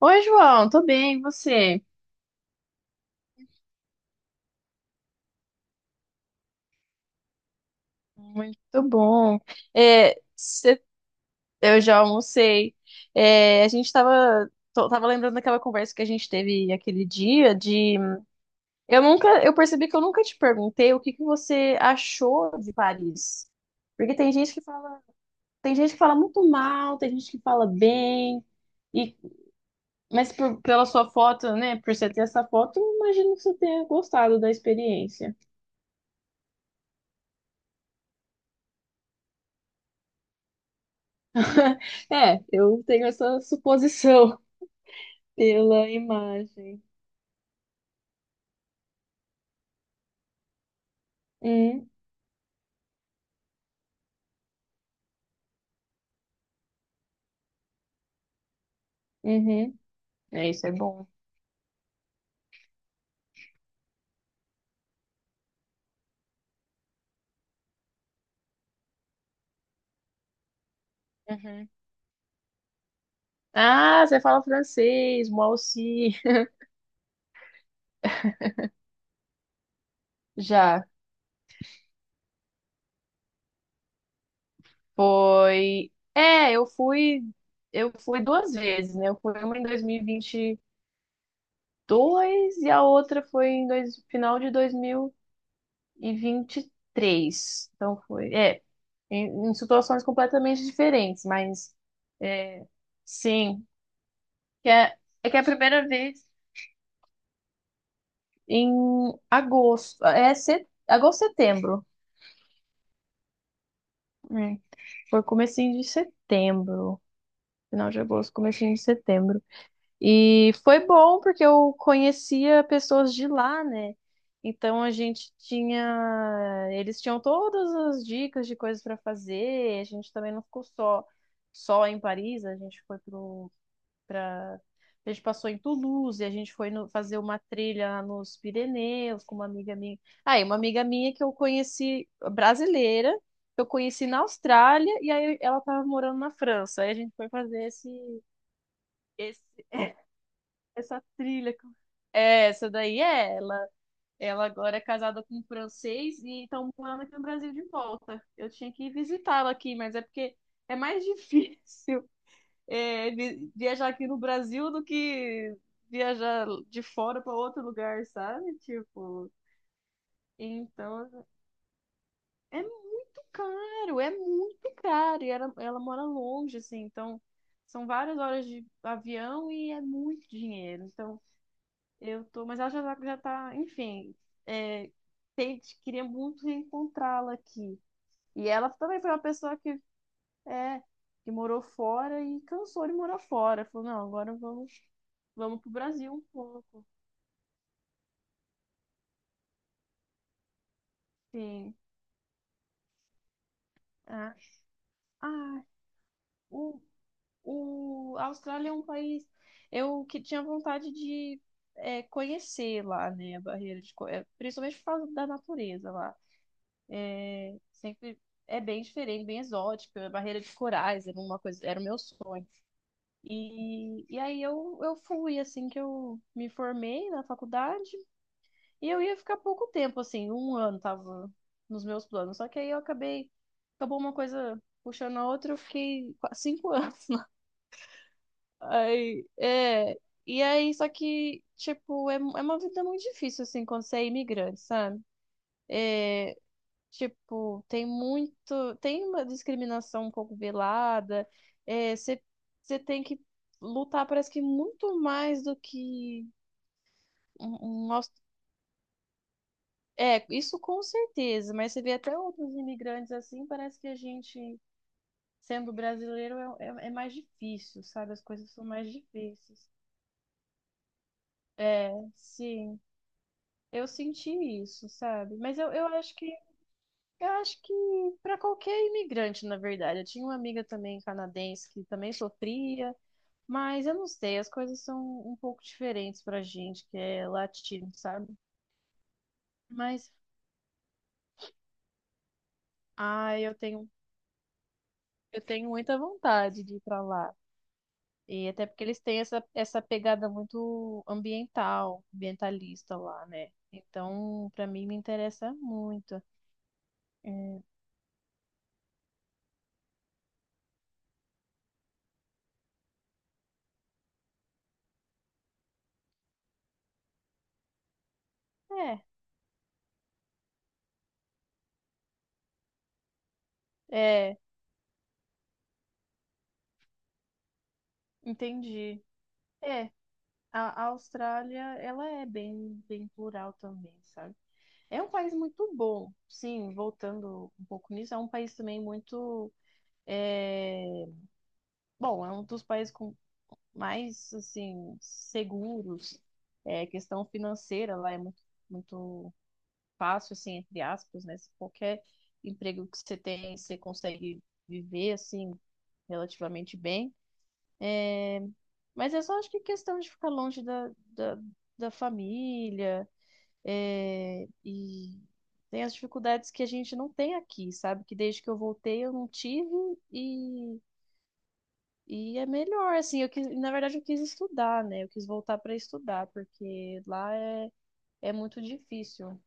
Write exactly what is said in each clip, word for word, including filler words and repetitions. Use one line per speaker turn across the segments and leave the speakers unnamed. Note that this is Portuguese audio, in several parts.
Oi, João, tô bem, e você? Muito bom. É, cê- eu já almocei. É, a gente tava, tô- tava lembrando daquela conversa que a gente teve aquele dia de eu nunca, eu percebi que eu nunca te perguntei o que que você achou de Paris. Porque tem gente que fala, tem gente que fala muito mal, tem gente que fala bem. E, mas por- Pela sua foto, né? Por você ter essa foto, eu imagino que você tenha gostado da experiência. É, eu tenho essa suposição. Pela imagem. Hum, uhum. É, isso é bom. Uhum. Ah, você fala francês, moi aussi. Já. Foi. É, eu fui, eu fui duas vezes, né? Eu fui uma em dois mil e vinte e dois e a outra foi em dois, final de dois mil e vinte e três. Então foi, é, em, em situações completamente diferentes, mas é, sim, que é, é que é a primeira vez em agosto. É set... agosto, setembro. É, foi comecinho de setembro. Final de agosto, comecinho de setembro. E foi bom porque eu conhecia pessoas de lá, né? Então a gente tinha, eles tinham todas as dicas de coisas para fazer. A gente também não ficou só só em Paris. A gente foi para pra... A gente passou em Toulouse, a gente foi no- fazer uma trilha nos Pirineus com uma amiga minha. Aí, uma amiga minha que eu conheci, brasileira, que eu conheci na Austrália, e aí ela tava morando na França. Aí a gente foi fazer esse, esse, essa trilha. com- É, essa daí é ela. Ela agora é casada com um francês e estão morando aqui no Brasil de volta. Eu tinha que visitá-la aqui, mas é porque é mais difícil é, vi- viajar aqui no Brasil do que viajar de fora para outro lugar, sabe? Tipo, então é muito caro, é muito caro. E ela, ela mora longe, assim, então são várias horas de avião e é muito dinheiro. Então eu tô, mas ela já tá, já tá, enfim, é, tem- queria muito reencontrá-la aqui. E ela também foi uma pessoa que É, que morou fora e cansou de morar fora. Falou, não, agora vamos, vamos pro Brasil um pouco. Sim. É. Ah, o, o, a Austrália é um país eu que tinha vontade de é, conhecer lá, né, a barreira de, co- é, principalmente por causa da natureza lá. Sempre é bem diferente, bem exótica. A barreira de corais era uma coisa, era o meu sonho. E, e aí eu, eu fui assim que eu me formei na faculdade. E eu ia ficar pouco tempo, assim, um ano tava nos meus planos. Só que aí eu acabei, acabou uma coisa puxando a outra, eu fiquei qua- cinco anos lá. Aí, é, e aí, só que, tipo, é, é uma vida muito difícil, assim, quando você é imigrante, sabe? Tipo, tem muito, tem uma discriminação um pouco velada, é, você, você tem que lutar, parece que muito mais do que um, um aus- É, isso com certeza, mas você vê até outros imigrantes assim, parece que a gente, sendo brasileiro, é, é- é mais difícil, sabe? As coisas são mais difíceis. É, sim, eu senti isso, sabe? Mas eu, eu acho que eu acho que para qualquer imigrante, na verdade, eu tinha uma amiga também canadense que também sofria, mas eu não sei, as coisas são um pouco diferentes pra gente que é latino, sabe? Mas, ai, eu tenho eu tenho muita vontade de ir pra lá. E até porque eles têm essa, essa pegada muito ambiental, ambientalista lá, né? Então, pra mim, me interessa muito. É, é, é, entendi. É, a, a Austrália, ela é bem, bem plural também, sabe? É um país muito bom, sim, voltando um pouco nisso, é um país também muito, é, bom, é um dos países com mais, assim, seguros, é, questão financeira lá é muito, muito fácil, assim, entre aspas, né? Se qualquer emprego que você tem, você consegue viver, assim, relativamente bem. Mas é só, acho que questão de ficar longe da, da, da família, é, e tem as dificuldades que a gente não tem aqui, sabe? Que desde que eu voltei eu não tive e, e é melhor, assim, eu quis, na verdade eu quis estudar, né? Eu quis voltar para estudar, porque lá é, é muito difícil.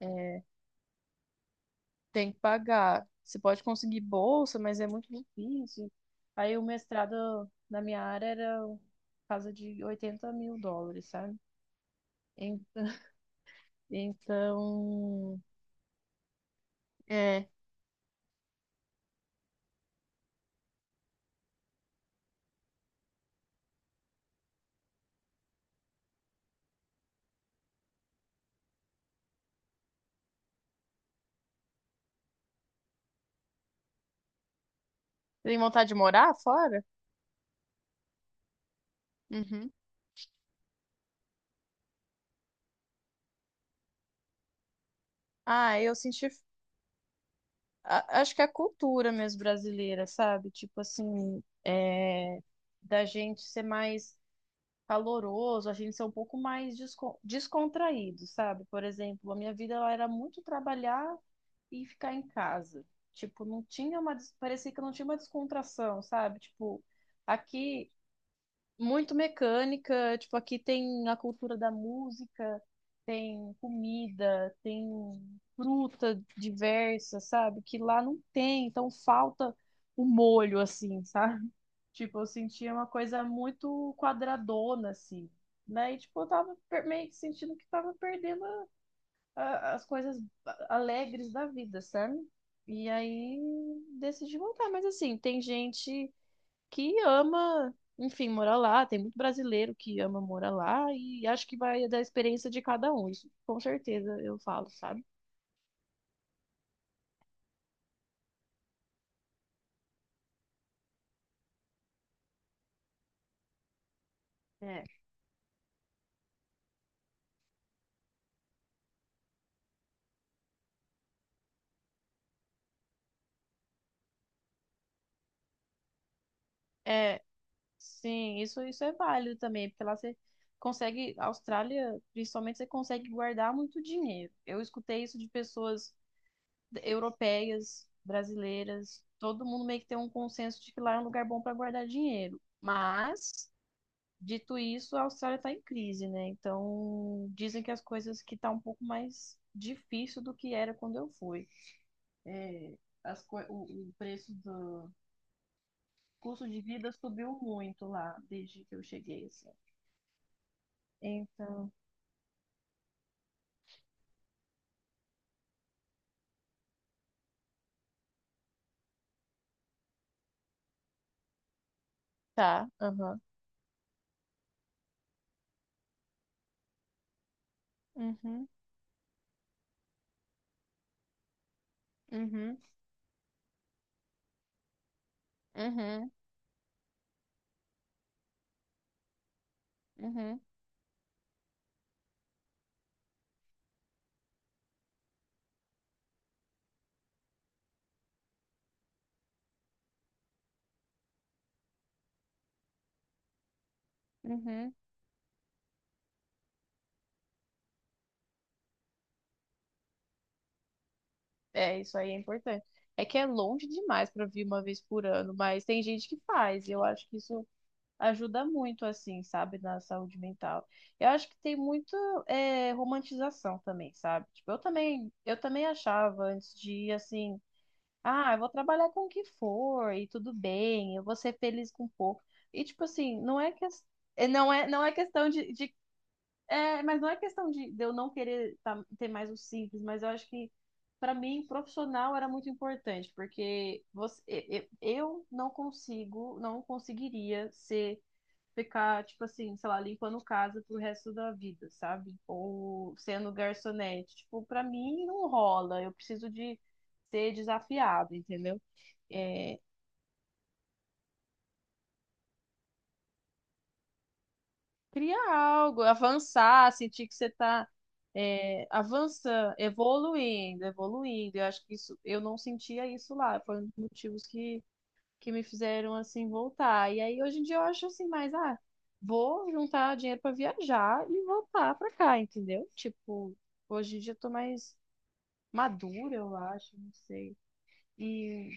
eh, Tem que pagar. Você pode conseguir bolsa, mas é muito difícil. Aí o mestrado na minha área era casa de oitenta mil dólares, sabe? En- Então, é. Tem vontade de morar fora? Uhum. Ah, eu senti. a- Acho que é a cultura mesmo brasileira, sabe? Tipo assim, é, da gente ser mais caloroso, a gente ser um pouco mais descon- descontraído, sabe? Por exemplo, a minha vida ela era muito trabalhar e ficar em casa. Tipo, não tinha uma, des- parecia que não tinha uma descontração, sabe? Tipo, aqui muito mecânica, tipo, aqui tem a cultura da música, tem comida, tem fruta diversa, sabe? Que lá não tem, então falta o molho assim, sabe? Tipo, eu sentia uma coisa muito quadradona assim. Né? E, tipo, eu tava per- meio que sentindo que tava perdendo a- as coisas alegres da vida, sabe? E aí decidi voltar. Mas assim, tem gente que ama, enfim, morar lá. Tem muito brasileiro que ama morar lá. E acho que vai da experiência de cada um. Isso com certeza eu falo, sabe? É. É, sim, isso, isso é válido também, porque lá você consegue, a Austrália, principalmente, você consegue guardar muito dinheiro. Eu escutei isso de pessoas europeias, brasileiras, todo mundo meio que tem um consenso de que lá é um lugar bom para guardar dinheiro. Mas, dito isso, a Austrália está em crise, né? Então, dizem que as coisas que tá um pouco mais difícil do que era quando eu fui. É, as co- o, o preço do custo de vida subiu muito lá desde que eu cheguei, assim. Então, tá, aham. Uhum, uhum, uhum, uhum, uhum. Uhum. É, isso aí é importante. É que é longe demais para vir uma vez por ano, mas tem gente que faz. E eu acho que isso ajuda muito, assim, sabe, na saúde mental. Eu acho que tem muito é, romantização também, sabe? Tipo, eu também, eu também achava antes de ir assim, ah, eu vou trabalhar com o que for e tudo bem, eu vou ser feliz com pouco. E tipo assim, não é que é, não é, não é questão de, de é, mas não é questão de, de eu não querer tá- ter mais o simples, mas eu acho que para mim profissional era muito importante, porque você, e- e- eu não consigo, não conseguiria ser ficar tipo assim, sei lá, limpando casa pro resto da vida, sabe? Ou sendo garçonete, tipo, para mim não rola. Eu preciso de ser desafiado, entendeu? É, criar algo, avançar, sentir que você está é, avançando, evoluindo, evoluindo. Eu acho que isso, eu não sentia isso lá. Foi um dos motivos que, que me fizeram assim voltar. E aí hoje em dia eu acho assim, mas ah, vou juntar dinheiro para viajar e voltar para cá, entendeu? Tipo, hoje em dia eu tô mais madura, eu acho, não sei. E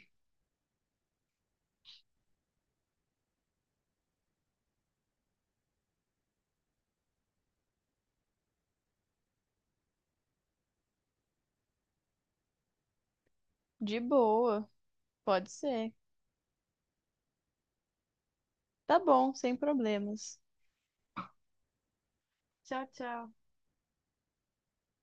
de boa, pode ser. Tá bom, sem problemas. Tchau, tchau.